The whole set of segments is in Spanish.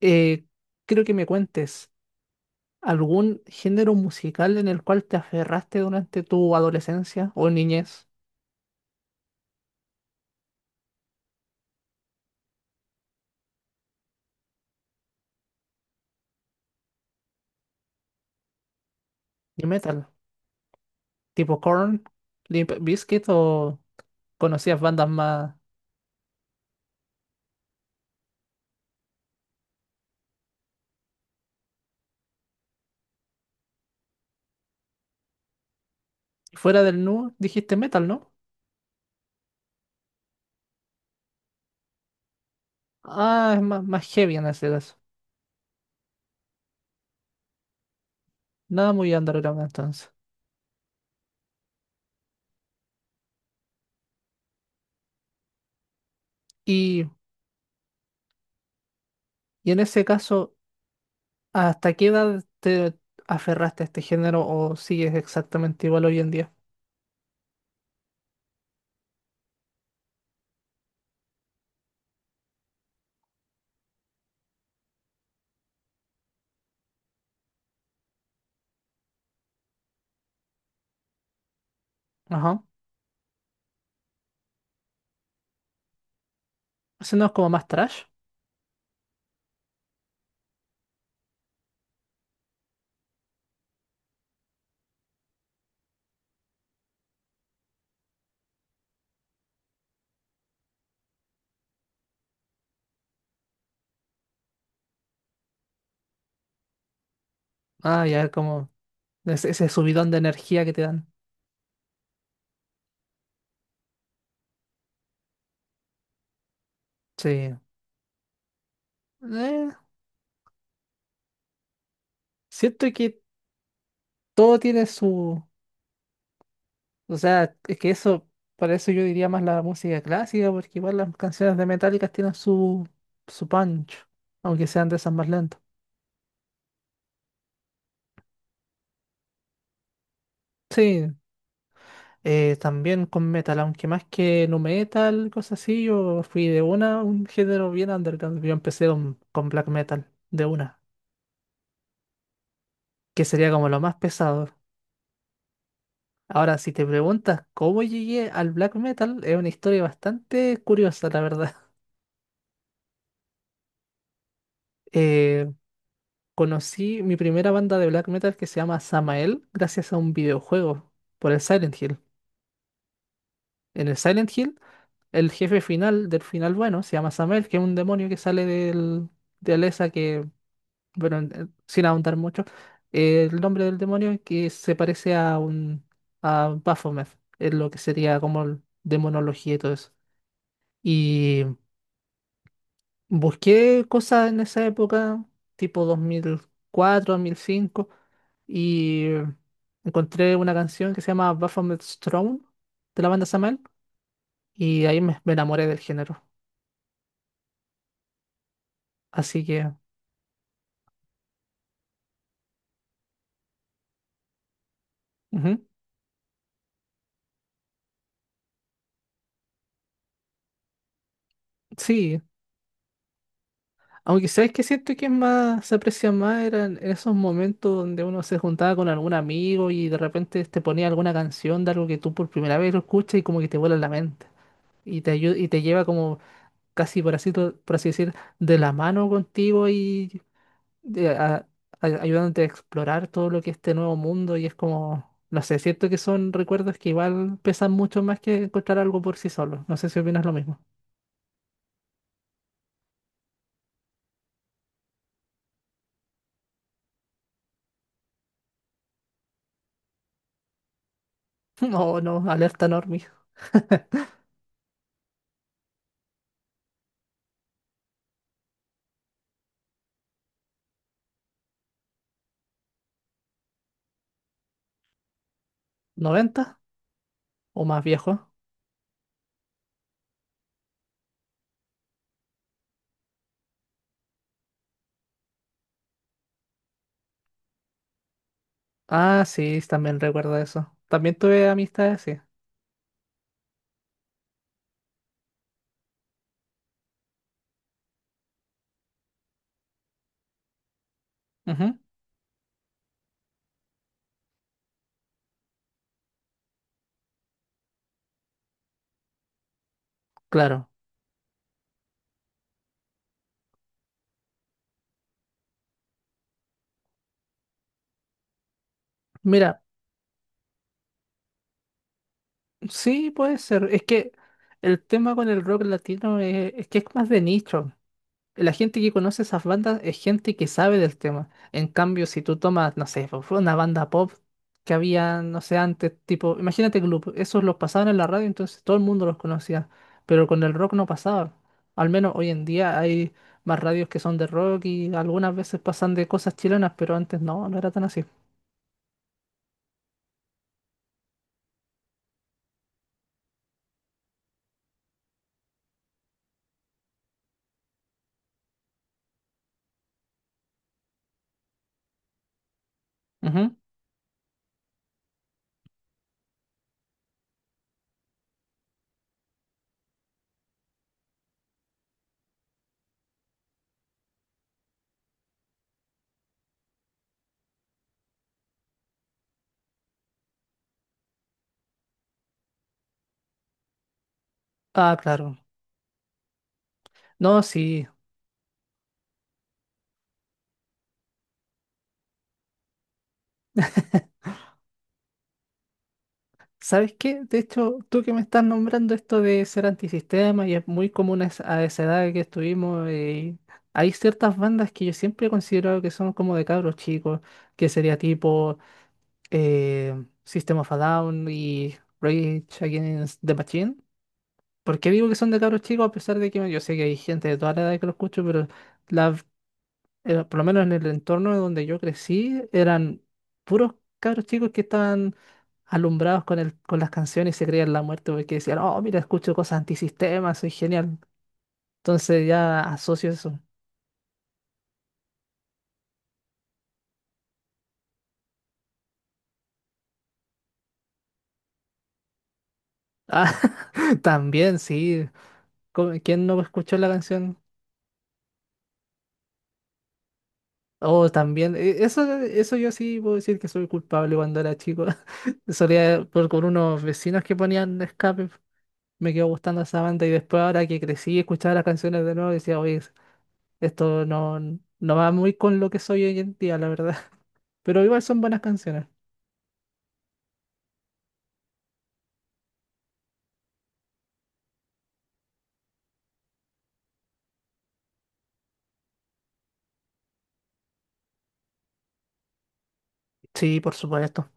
Eh, creo que me cuentes algún género musical en el cual te aferraste durante tu adolescencia o niñez y metal, tipo Korn, Limp Bizkit o conocías bandas más fuera del nu, dijiste metal, ¿no? Ah, es más, más heavy en ese caso. Nada muy underground entonces. Y, y en ese caso, ¿hasta qué edad te aferraste a este género o sigues exactamente igual hoy en día? Ajá. Ese no es como más trash. Ah, ya como Ese subidón de energía que te dan. Sí. Eh, siento que todo tiene su. O sea, es que eso, para eso yo diría más la música clásica, porque igual las canciones de Metallica tienen su punch, aunque sean de esas más lentas. Sí. También con metal, aunque más que nu metal, cosas así, yo fui de una, a un género bien underground. Yo empecé con black metal, de una, que sería como lo más pesado. Ahora, si te preguntas cómo llegué al black metal, es una historia bastante curiosa, la verdad. Eh, conocí mi primera banda de black metal que se llama Samael gracias a un videojuego por el Silent Hill. En el Silent Hill, el jefe final del final bueno se llama Samael, que es un demonio que sale de Alessa que, bueno, sin ahondar mucho, el nombre del demonio que se parece a un a Baphomet, es lo que sería como demonología y todo eso. Y busqué cosas en esa época, tipo dos mil cuatro 2005 y encontré una canción que se llama Baphomet's Throne de la banda Samael, y ahí me enamoré del género. Así que, ujú, sí. Aunque sabes que siento que es más, se aprecia más eran esos momentos donde uno se juntaba con algún amigo y de repente te ponía alguna canción de algo que tú por primera vez lo escuchas y como que te vuela la mente. Y y te lleva como casi por así, por así decir, de la mano contigo y de- a- ayudándote a explorar todo lo que es este nuevo mundo y es como, no sé, siento que son recuerdos que igual pesan mucho más que encontrar algo por sí solo. No sé si opinas lo mismo. No, no, alerta normie. ¿90 o más viejo? Ah, sí, también recuerdo eso. También tuve amistades así. Ujú, claro. Mira, sí puede ser. Es que el tema con el rock latino es que es más de nicho. La gente que conoce esas bandas es gente que sabe del tema. En cambio, si tú tomas, no sé, pues, fue una banda pop que había, no sé, antes, tipo, imagínate Gloop, esos los pasaban en la radio, entonces todo el mundo los conocía, pero con el rock no pasaba. Al menos hoy en día hay más radios que son de rock y algunas veces pasan de cosas chilenas, pero antes no, no era tan así. Ujú. Ah, claro. No, sí, ¿sabes qué? De hecho, tú que me estás nombrando esto de ser antisistema y es muy común a esa edad que estuvimos, hay ciertas bandas que yo siempre he considerado que son como de cabros chicos, que sería tipo System of a Down y Rage Against the Machine. ¿Por qué digo que son de cabros chicos? A pesar de que bueno, yo sé que hay gente de toda la edad que lo escucho, pero la por lo menos en el entorno donde yo crecí, eran puros cabros chicos que estaban alumbrados con el, con las canciones y se creían la muerte porque decían, oh, mira, escucho cosas antisistema, soy genial. Entonces ya asocio eso. Ah, también, sí. ¿Quién no escuchó la canción? Oh, también. Eso, eso yo sí puedo decir que soy culpable cuando era chico. Solía por con unos vecinos que ponían escape. Me quedó gustando esa banda y después ahora que crecí y escuchaba las canciones de nuevo decía, oye, esto no, no va muy con lo que soy hoy en día, la verdad. Pero igual son buenas canciones. Sí, por supuesto.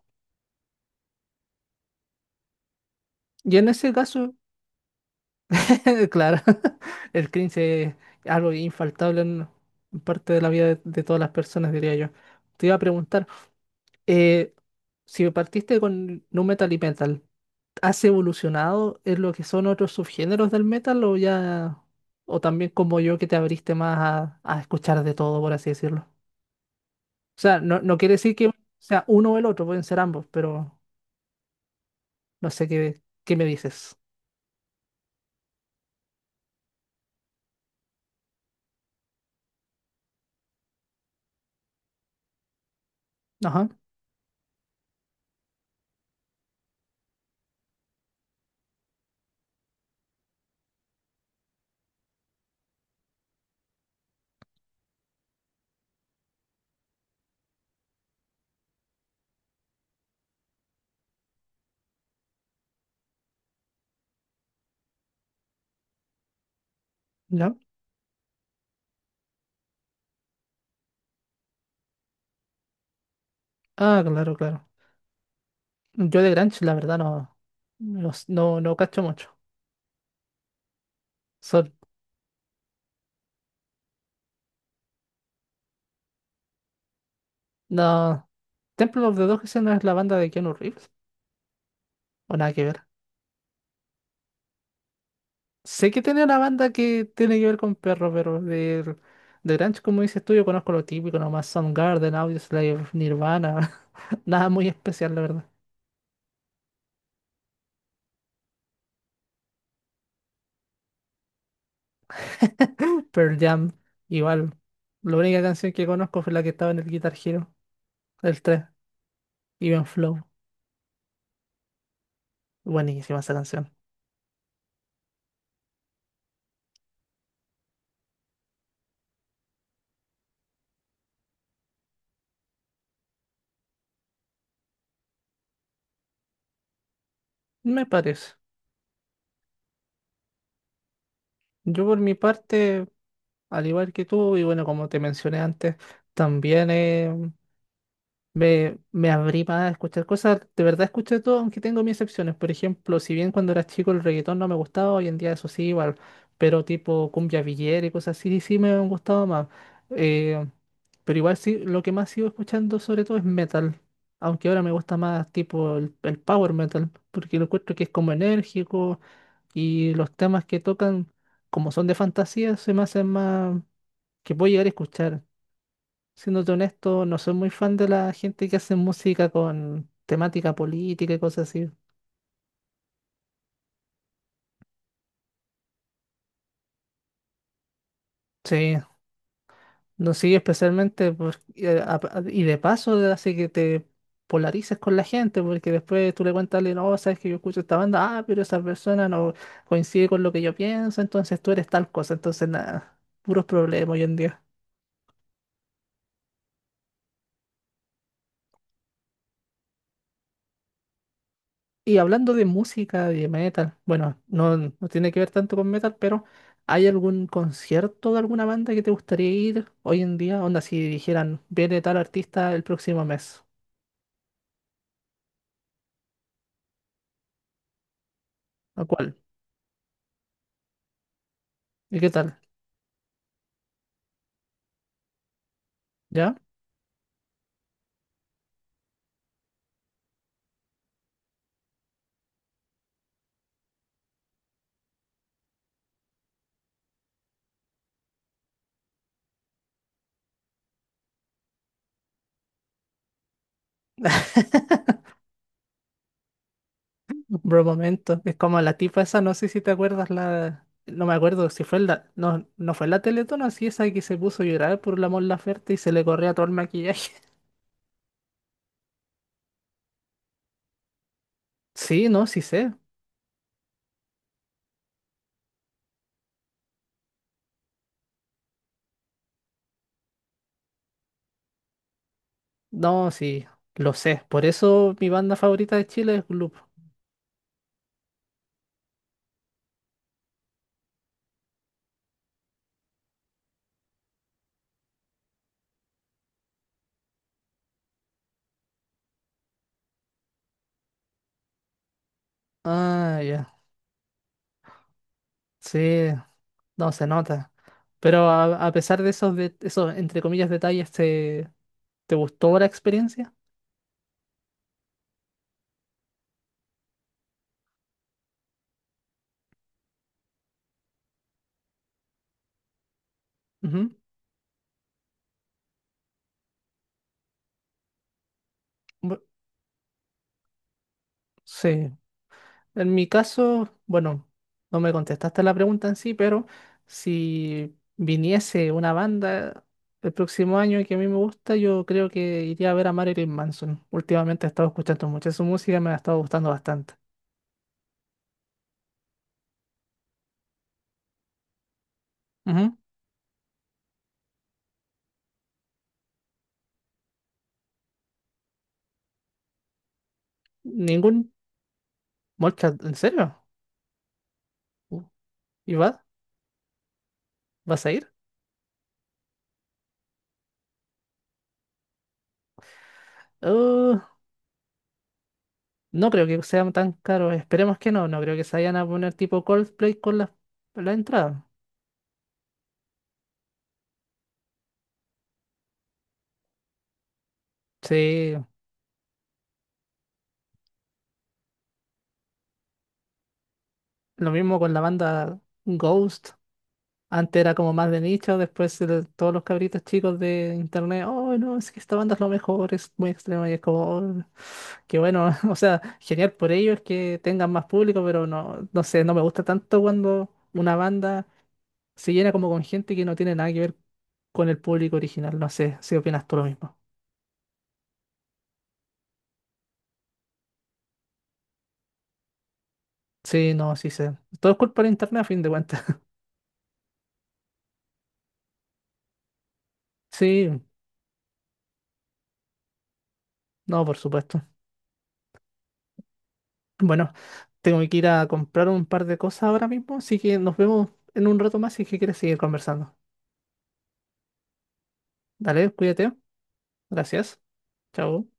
Y en ese caso, claro, el cringe es algo infaltable en parte de la vida de todas las personas, diría yo. Te iba a preguntar, eh, si partiste con nu metal y metal, ¿has evolucionado en lo que son otros subgéneros del metal o ya, o también como yo que te abriste más a escuchar de todo, por así decirlo? O sea, no, no quiere decir que sea uno o el otro, pueden ser ambos, pero no sé qué, qué me dices. Ajá, ya. Ah, claro, claro. Yo de Grunge, la verdad, no, no, no, no cacho mucho. Son, no, Temple of the Dogs no es la banda de Keanu Reeves, o nada que ver. Sé que tiene una banda que tiene que ver con perros, pero de Grunge, como dices tú, yo conozco lo típico, nomás Soundgarden, Audioslave, Nirvana, nada muy especial, la verdad. Pearl Jam, igual. La única canción que conozco fue la que estaba en el Guitar Hero, el 3 Even Flow. Buenísima esa canción. Me parece. Yo por mi parte, al igual que tú, y bueno, como te mencioné antes, también me abrí para escuchar cosas, de verdad escuché todo, aunque tengo mis excepciones. Por ejemplo, si bien cuando era chico el reggaetón no me gustaba, hoy en día eso sí, igual, pero tipo cumbia villera y cosas así, sí me han gustado más. Eh, pero igual sí, lo que más sigo escuchando sobre todo es metal, aunque ahora me gusta más tipo el power metal, porque lo encuentro que es como enérgico y los temas que tocan, como son de fantasía, se me hacen más que puedo llegar a escuchar. Siéndote honesto, no soy muy fan de la gente que hace música con temática política y cosas así. Sí, no sigue especialmente y y de paso hace que te polarices con la gente, porque después tú le cuentas a alguien, oh, sabes que yo escucho esta banda, ah, pero esa persona no coincide con lo que yo pienso, entonces tú eres tal cosa, entonces nada, puros problemas hoy en día. Y hablando de música, de metal, bueno, no, no tiene que ver tanto con metal, pero ¿hay algún concierto de alguna banda que te gustaría ir hoy en día? Onda, si dijeran, viene tal artista el próximo mes, ¿a cuál? ¿Y qué tal? ¿Ya? Bro, momento, es como la tipa esa, no sé si te acuerdas la... No me acuerdo si fue la... No, no fue la Teletón, así esa que se puso a llorar por la Mon Laferte y se le corría todo el maquillaje. Sí, no, sí sé. No, sí, lo sé. Por eso mi banda favorita de Chile es Gloop. Ah, ya. Sí, no se nota. Pero a pesar de, esos, entre comillas, detalles, ¿te, te gustó la experiencia? Ujú. Bu- Sí. En mi caso, bueno, no me contestaste la pregunta en sí, pero si viniese una banda el próximo año y que a mí me gusta, yo creo que iría a ver a Marilyn Manson. Últimamente he estado escuchando mucho su música, me ha estado gustando bastante. Ujú. Ningún Molchat, ¿en serio? Uh, ¿Y va? ¿Vas a ir? Uh, no creo que sean tan caros. Esperemos que no. No creo que se vayan a poner tipo Coldplay con la, la entrada. Sí, lo mismo con la banda Ghost. Antes era como más de nicho, después todos los cabritos chicos de internet, oh no, es que esta banda es lo mejor, es muy extrema y es como, "Oh, qué bueno", o sea, genial por ellos que tengan más público, pero no, no sé, no me gusta tanto cuando una banda se llena como con gente que no tiene nada que ver con el público original. No sé si opinas tú lo mismo. Sí, no, sí sé. Todo es culpa de internet a fin de cuentas. Sí, no, por supuesto. Bueno, tengo que ir a comprar un par de cosas ahora mismo, así que nos vemos en un rato más si es que quieres seguir conversando. Dale, cuídate. Gracias. Chao.